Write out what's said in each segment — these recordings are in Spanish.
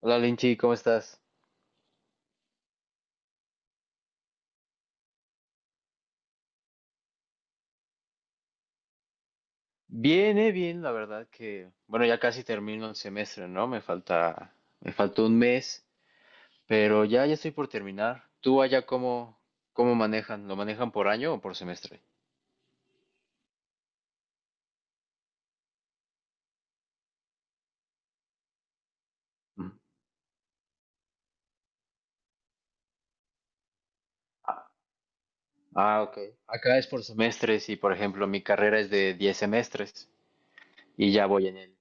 Hola Linchi, ¿cómo estás? Bien, la verdad que, bueno, ya casi termino el semestre, ¿no? Me faltó un mes, pero ya estoy por terminar. ¿Tú allá cómo manejan? ¿Lo manejan por año o por semestre? Mm. Ah, ah, ok. Acá es por semestres y, por ejemplo, mi carrera es de 10 semestres y ya voy en el...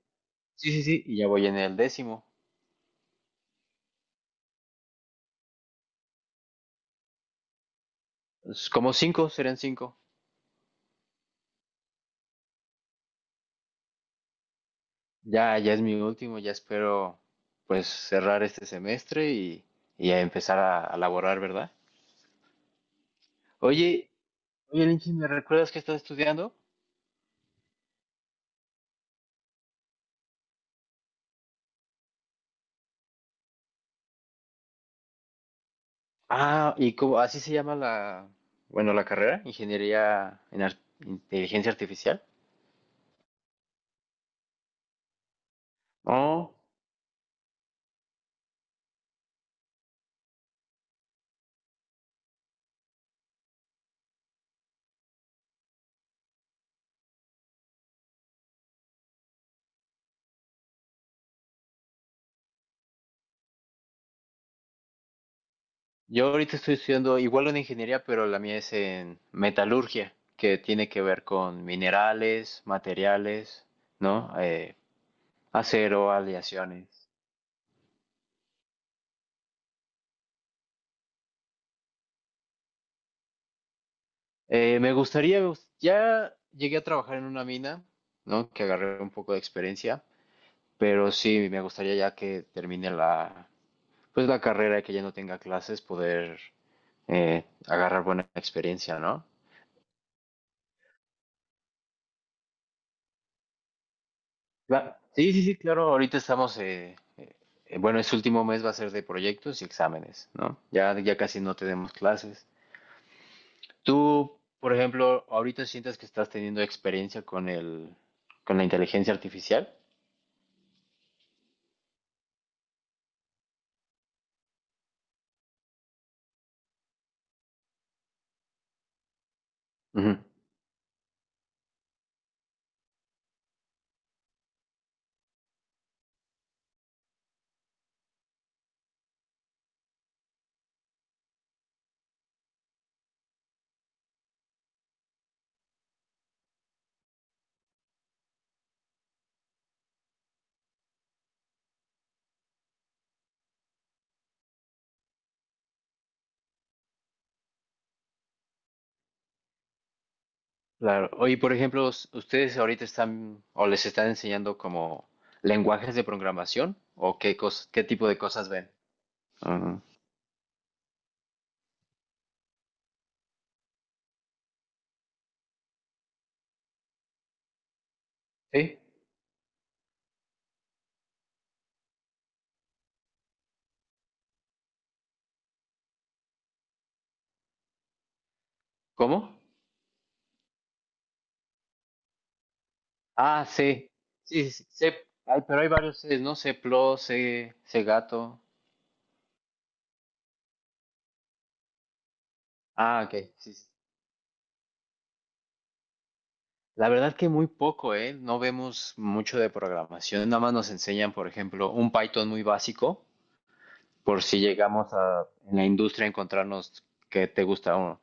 Sí, sí, sí, y ya voy en el décimo. Es como cinco, serían cinco. Ya es mi último, ya espero pues cerrar este semestre y a empezar a laborar, ¿verdad? Oye, oye, Linchi, ¿me recuerdas que estás estudiando? Ah, y cómo, así se llama la, bueno, la carrera, Ingeniería en Inteligencia Artificial. Oh, yo ahorita estoy estudiando igual una ingeniería, pero la mía es en metalurgia, que tiene que ver con minerales, materiales, ¿no? Acero, aleaciones. Me gustaría, ya llegué a trabajar en una mina, ¿no? Que agarré un poco de experiencia, pero sí, me gustaría ya que termine la, pues la carrera y que ya no tenga clases, poder agarrar buena experiencia, ¿no? Sí, sí, sí, claro, ahorita estamos, bueno, este último mes va a ser de proyectos y exámenes, ¿no? Ya, ya casi no tenemos clases. Tú, por ejemplo, ahorita sientes que estás teniendo experiencia con el, con la inteligencia artificial. Ujú. Claro. Oye, por ejemplo, ¿ustedes ahorita están o les están enseñando como lenguajes de programación o qué tipo de cosas ven? Ah, ¿sí? ¿Cómo? Ah, sí. Sí, sí, sí. C. Ay, pero hay varios Cs, ¿no? C++, C, C gato. Ah, ok. Sí, sí. La verdad que muy poco, ¿eh? No vemos mucho de programación. Nada más nos enseñan, por ejemplo, un Python muy básico, por si llegamos a en la industria a encontrarnos que te gusta uno.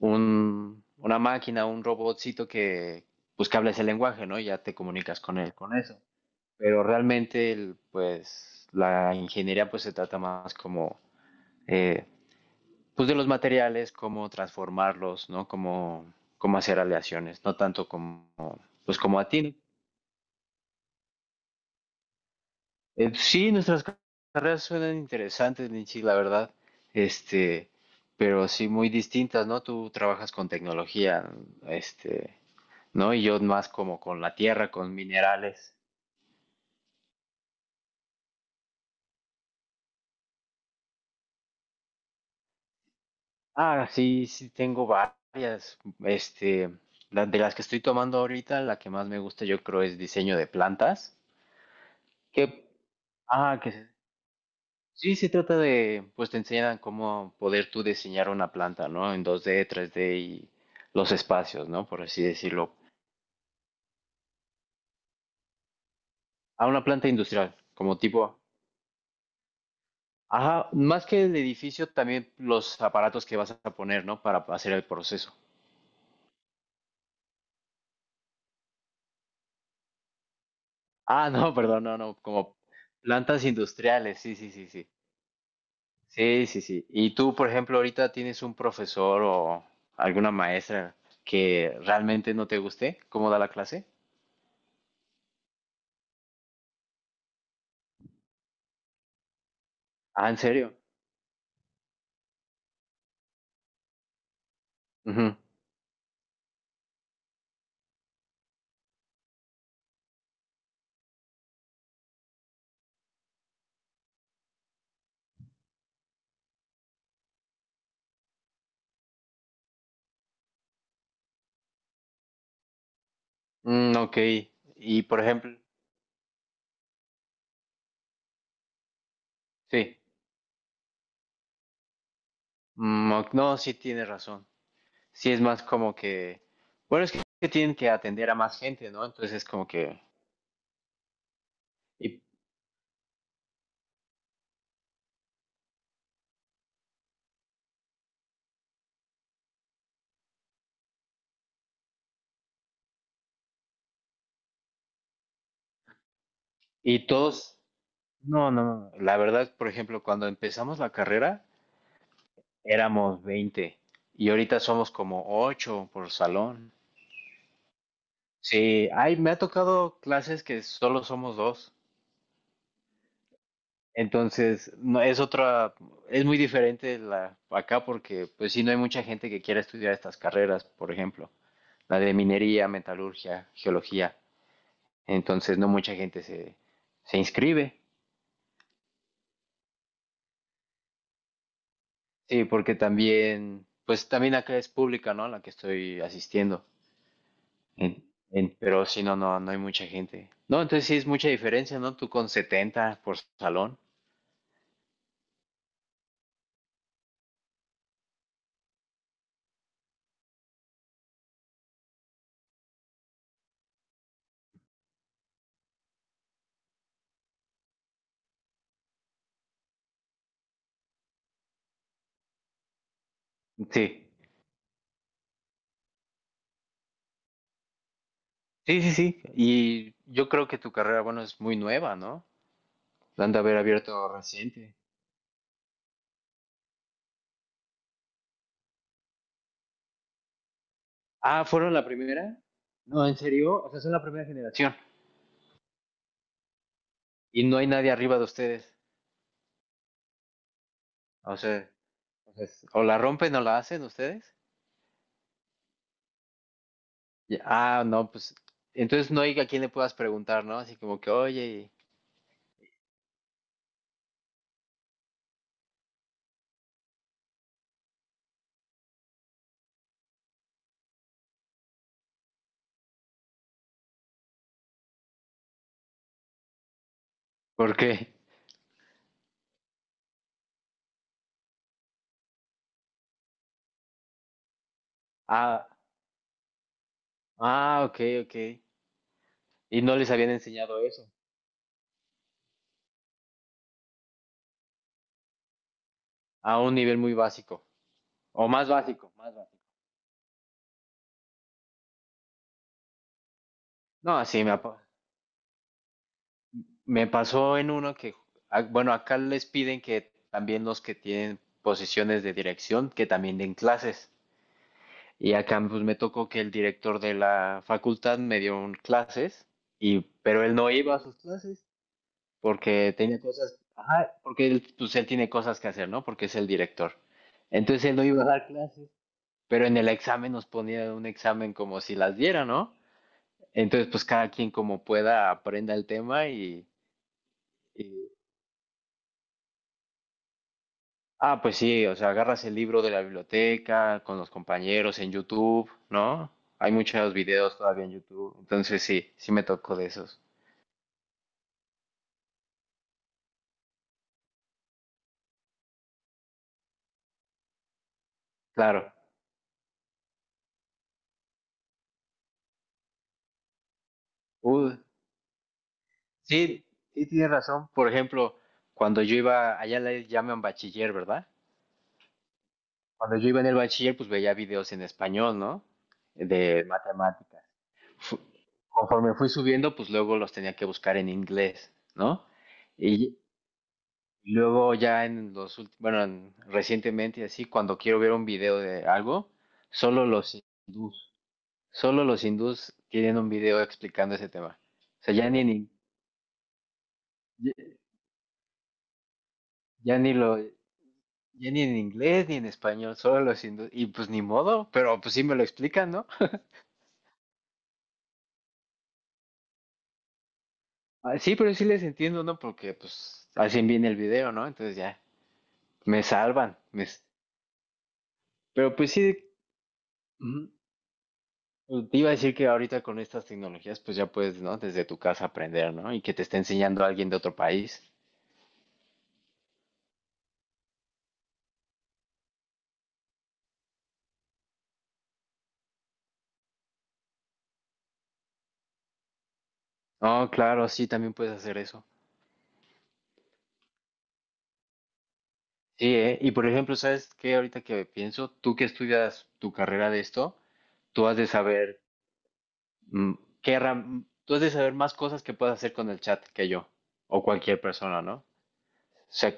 Una máquina, un robotcito que pues que habla ese lenguaje, ¿no? Y ya te comunicas con él, con eso. Pero realmente, pues, la ingeniería pues se trata más como, eh, pues, de los materiales, cómo transformarlos, ¿no? Cómo hacer aleaciones, no tanto como, pues, como a ti, ¿no? Sí, nuestras carreras suenan interesantes, Ninchi, la verdad, este, pero sí muy distintas, ¿no? Tú trabajas con tecnología, este, ¿no? Y yo más como con la tierra, con minerales. Ah, sí, sí, tengo varias. Este, de las que estoy tomando ahorita, la que más me gusta yo creo es diseño de plantas. Que, ah, sí, se trata de, pues te enseñan cómo poder tú diseñar una planta, ¿no? En 2D, 3D y los espacios, ¿no? Por así decirlo. A una planta industrial, como tipo, ajá, más que el edificio, también los aparatos que vas a poner, ¿no? Para hacer el proceso. Ah, no, perdón, no, no, como plantas industriales, sí, sí, sí, sí. Sí, sí, sí. ¿Y tú, por ejemplo, ahorita tienes un profesor o alguna maestra que realmente no te guste cómo da la clase? Ah, ¿en serio? Ujú. Mm, ok. Y, por ejemplo, sí. Mm, ok, no, sí tienes razón. Sí es más como que, bueno, es que tienen que atender a más gente, ¿no? Entonces es como que, y, y todos, no, no, no. La verdad, por ejemplo, cuando empezamos la carrera. Éramos 20 y ahorita somos como 8 por salón. Sí, ay, me ha tocado clases que solo somos dos. Entonces, no es otra, es muy diferente la acá porque pues sí no hay mucha gente que quiera estudiar estas carreras, por ejemplo, la de minería, metalurgia, geología. Entonces, no mucha gente se inscribe. Sí, porque también pues también acá es pública, ¿no? La que estoy asistiendo. En- pero si no, no, no hay mucha gente. No, entonces sí es mucha diferencia, ¿no? Tú con 70 por salón. Sí, sí, sí, sí. Y yo creo que tu carrera, bueno, es muy nueva, ¿no? La han de haber abierto reciente. Ah, ¿fueron la primera? No, ¿en serio? O sea, son la primera generación. Y no hay nadie arriba de ustedes. O sea, o sea, o la rompen o la hacen ustedes. Ya, ah, no, pues entonces no hay a quien le puedas preguntar, ¿no? Así como que, oye, ¿por qué? Ah, ah, ok, ok. Y no les habían enseñado eso a un nivel muy básico o más básico, más básico. No, me pasó en uno que, ah, bueno, acá les piden que también los que tienen posiciones de dirección, que también den clases. Y acá pues me tocó que el director de la facultad me dio un clases, pero él no iba a sus clases porque tenía cosas, ajá, porque él, pues él tiene cosas que hacer, ¿no? Porque es el director. Entonces él no iba a dar clases, pero en el examen nos ponían un examen como si las diera, ¿no? Entonces, pues cada quien como pueda aprenda el tema y- ah, pues sí, o sea, agarras el libro de la biblioteca con los compañeros en YouTube, ¿no? Hay muchos videos todavía en YouTube, entonces sí, sí me tocó de esos. Claro. Uh, sí, sí tienes razón. Por ejemplo, cuando yo iba, allá le llaman bachiller, ¿verdad? Cuando yo iba en el bachiller, pues veía videos en español, ¿no? De matemáticas. fu- Conforme fui subiendo, pues luego los tenía que buscar en inglés, ¿no? Y luego ya en los últimos, bueno, recientemente y así, cuando quiero ver un video de algo, solo los hindús, solo los hindús tienen un video explicando ese tema. O sea, ya, ya ni lo, ya ni en inglés ni en español, solo los hindús. Y pues ni modo, pero pues sí me lo explican, ¿no? Ah, sí, pero sí les entiendo, ¿no? Porque pues hacen bien el video, ¿no? Entonces ya, me salvan, pero pues sí, Ujú. Pues, te iba a decir que ahorita con estas tecnologías, pues ya puedes, ¿no? Desde tu casa aprender, ¿no? Y que te esté enseñando alguien de otro país. No, claro, sí, también puedes hacer eso. Sí, ¿eh? Y por ejemplo, ¿sabes qué? Ahorita que pienso, tú que estudias tu carrera de esto, tú has de saber mm, más cosas que puedes hacer con el chat que yo, o cualquier persona, ¿no? O sea,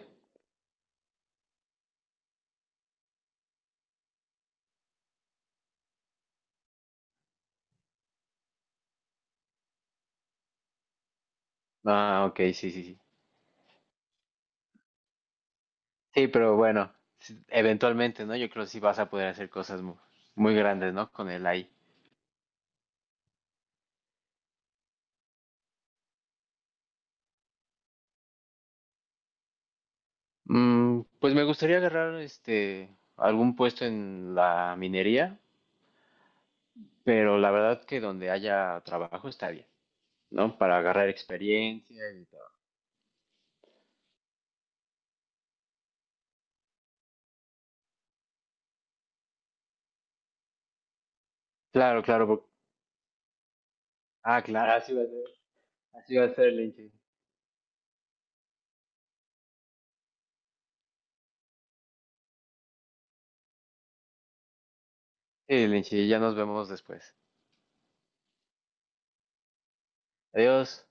ah, ok, sí, sí, sí. Sí, pero bueno, sí, eventualmente, ¿no? Yo creo que sí vas a poder hacer cosas muy, grandes, ¿no? Con el AI. Mm, pues me gustaría agarrar algún puesto en la minería, pero la verdad que donde haya trabajo está bien, ¿no? Para agarrar experiencia y todo. Claro, claro. Ah, claro, así va a ser. Así va a ser, Lenche. Sí, Lenche, ya nos vemos después. Adiós.